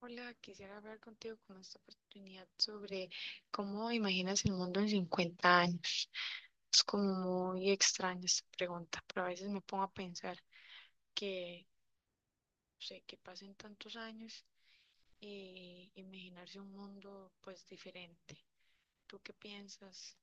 Hola, quisiera hablar contigo con esta oportunidad sobre cómo imaginas el mundo en 50 años. Es como muy extraña esta pregunta, pero a veces me pongo a pensar que, no sé, que pasen tantos años y imaginarse un mundo pues diferente. ¿Tú qué piensas?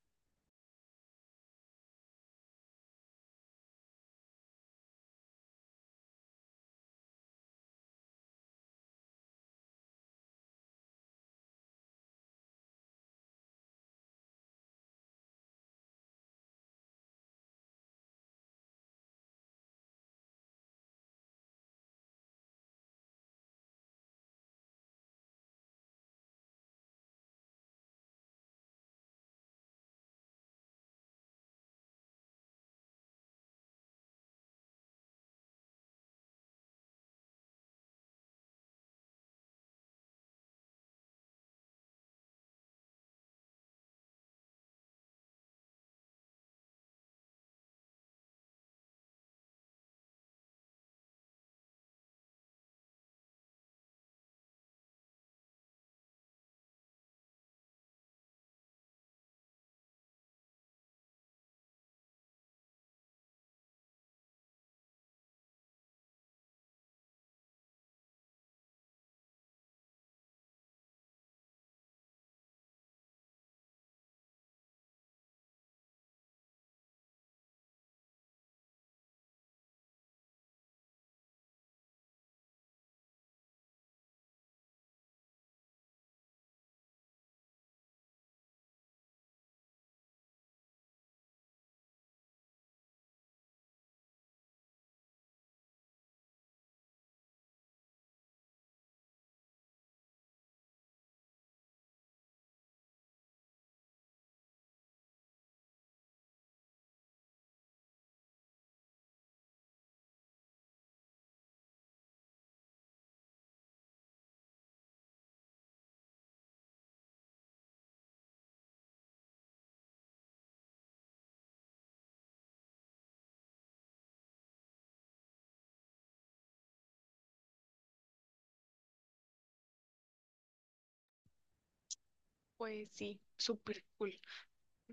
Pues sí, súper cool.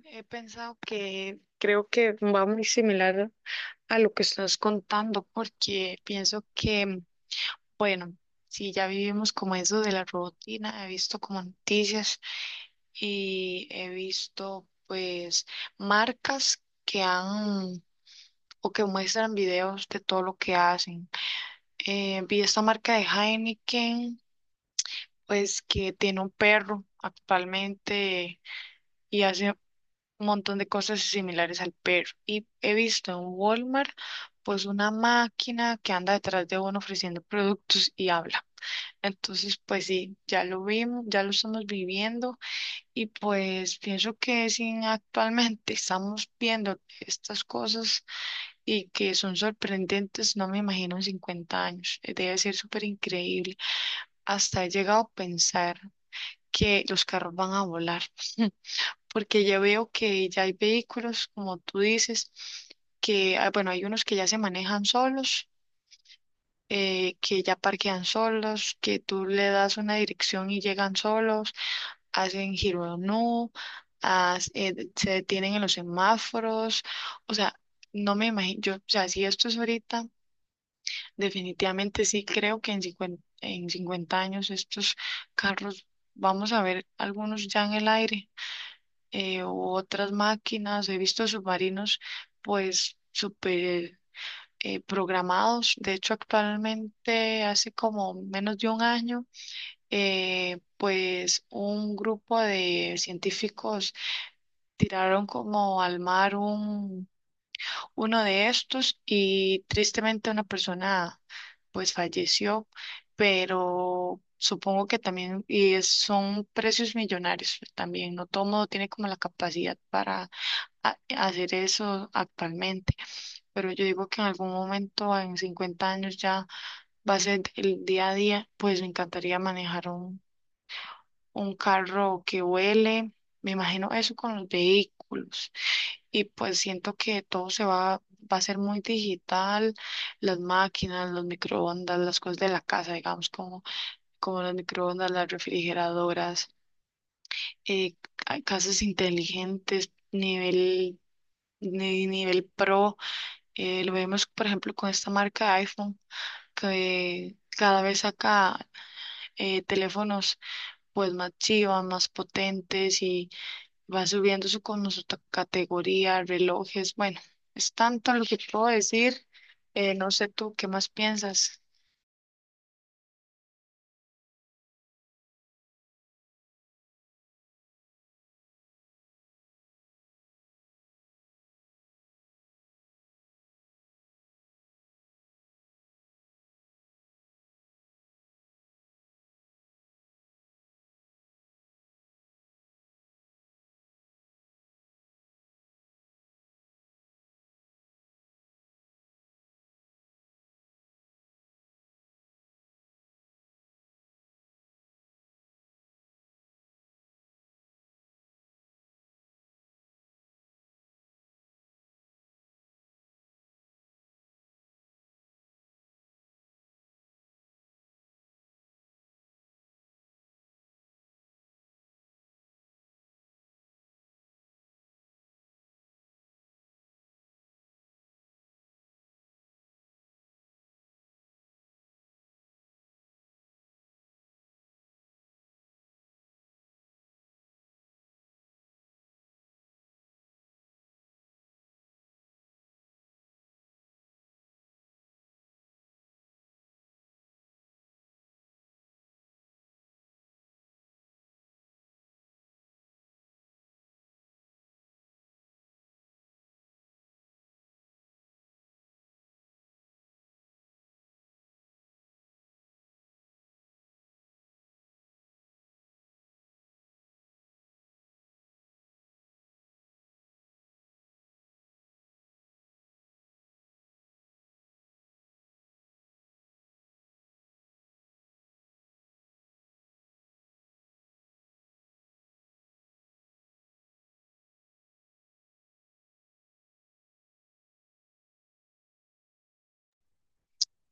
He pensado que creo que va muy similar a lo que estás contando porque pienso que bueno, sí, ya vivimos como eso de la rutina, he visto como noticias y he visto pues marcas que han o que muestran videos de todo lo que hacen. Vi esta marca de Heineken, pues que tiene un perro actualmente y hace un montón de cosas similares al perro. Y he visto en Walmart pues una máquina que anda detrás de uno ofreciendo productos y habla. Entonces, pues sí, ya lo vimos, ya lo estamos viviendo y pues pienso que si actualmente estamos viendo estas cosas y que son sorprendentes, no me imagino en 50 años, debe ser súper increíble. Hasta he llegado a pensar que los carros van a volar, porque ya veo que ya hay vehículos, como tú dices, que, ah, bueno, hay unos que ya se manejan solos, que ya parquean solos, que tú le das una dirección y llegan solos, hacen giro no, se detienen en los semáforos, o sea, no me imagino, yo, o sea, si esto es ahorita, definitivamente sí creo que en 50 años estos carros, vamos a ver algunos ya en el aire, u otras máquinas, he visto submarinos, pues, súper programados. De hecho, actualmente, hace como menos de un año, pues un grupo de científicos tiraron como al mar uno de estos y tristemente una persona pues falleció, pero supongo que también, son precios millonarios también, no todo mundo tiene como la capacidad para hacer eso actualmente, pero yo digo que en algún momento, en 50 años ya va a ser el día a día, pues me encantaría manejar un carro que huele, me imagino eso con los vehículos y pues siento que todo va a ser muy digital, las máquinas, los microondas, las cosas de la casa, digamos, como, como los microondas, las refrigeradoras, casas inteligentes, nivel, ni- nivel pro. Lo vemos, por ejemplo, con esta marca de iPhone, que cada vez saca teléfonos pues más chivas, más potentes y va subiendo con su categoría, relojes. Bueno, es tanto lo que puedo decir. No sé tú, ¿qué más piensas?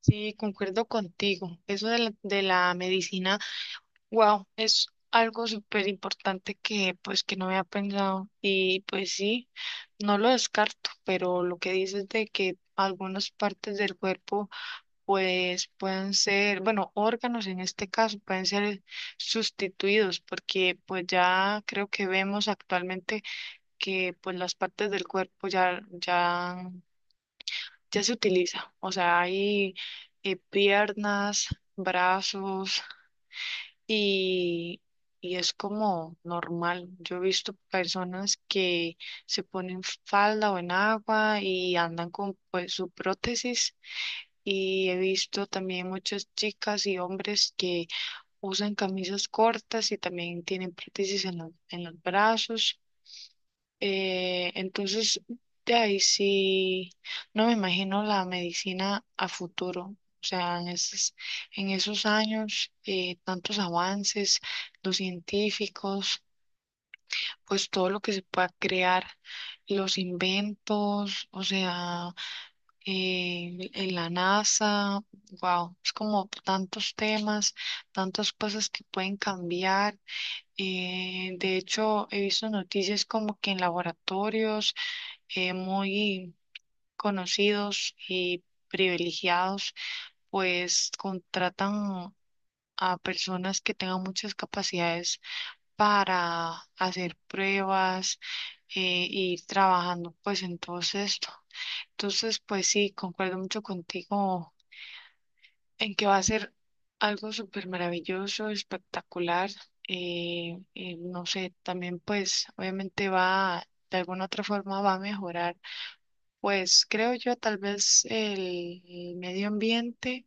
Sí, concuerdo contigo. Eso de la medicina. Wow, es algo súper importante que pues que no había pensado y pues sí, no lo descarto, pero lo que dices de que algunas partes del cuerpo pues pueden ser, bueno, órganos en este caso pueden ser sustituidos porque pues ya creo que vemos actualmente que pues las partes del cuerpo ya se utiliza, o sea, hay piernas, brazos y, y es como normal. Yo he visto personas que se ponen falda o en agua y andan con pues, su prótesis. Y he visto también muchas chicas y hombres que usan camisas cortas y también tienen prótesis en los brazos. Entonces, de ahí sí, no me imagino la medicina a futuro. O sea, en esos años, tantos avances, los científicos, pues todo lo que se pueda crear, los inventos, o sea, en la NASA, wow, es como tantos temas, tantas cosas que pueden cambiar. De hecho, he visto noticias como que en laboratorios, muy conocidos y privilegiados, pues contratan a personas que tengan muchas capacidades para hacer pruebas e ir trabajando pues en todo esto. Entonces, pues sí, concuerdo mucho contigo en que va a ser algo súper maravilloso, espectacular. No sé, también pues obviamente de alguna otra forma va a mejorar. Pues creo yo tal vez el medio ambiente,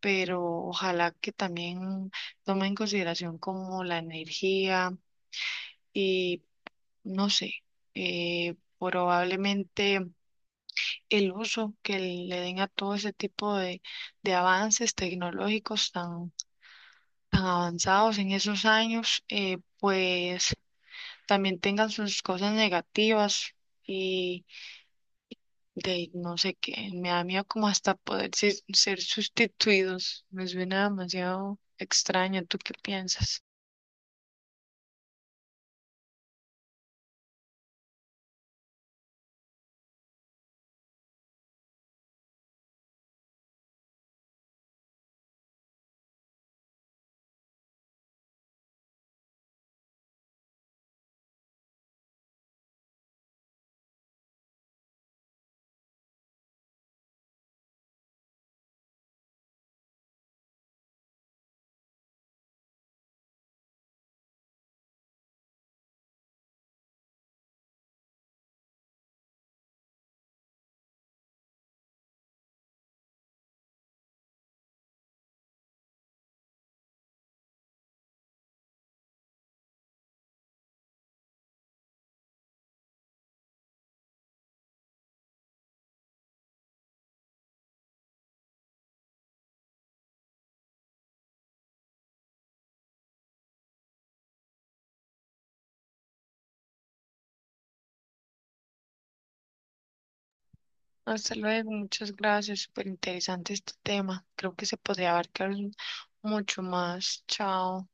pero ojalá que también tome en consideración como la energía y no sé, probablemente el uso que le den a todo ese tipo de avances tecnológicos tan, tan avanzados en esos años, pues también tengan sus cosas negativas de no sé qué, me da miedo como hasta poder ser sustituidos, me suena demasiado extraño, ¿tú qué piensas? Hasta luego, muchas gracias, súper interesante este tema, creo que se podría abarcar mucho más, chao.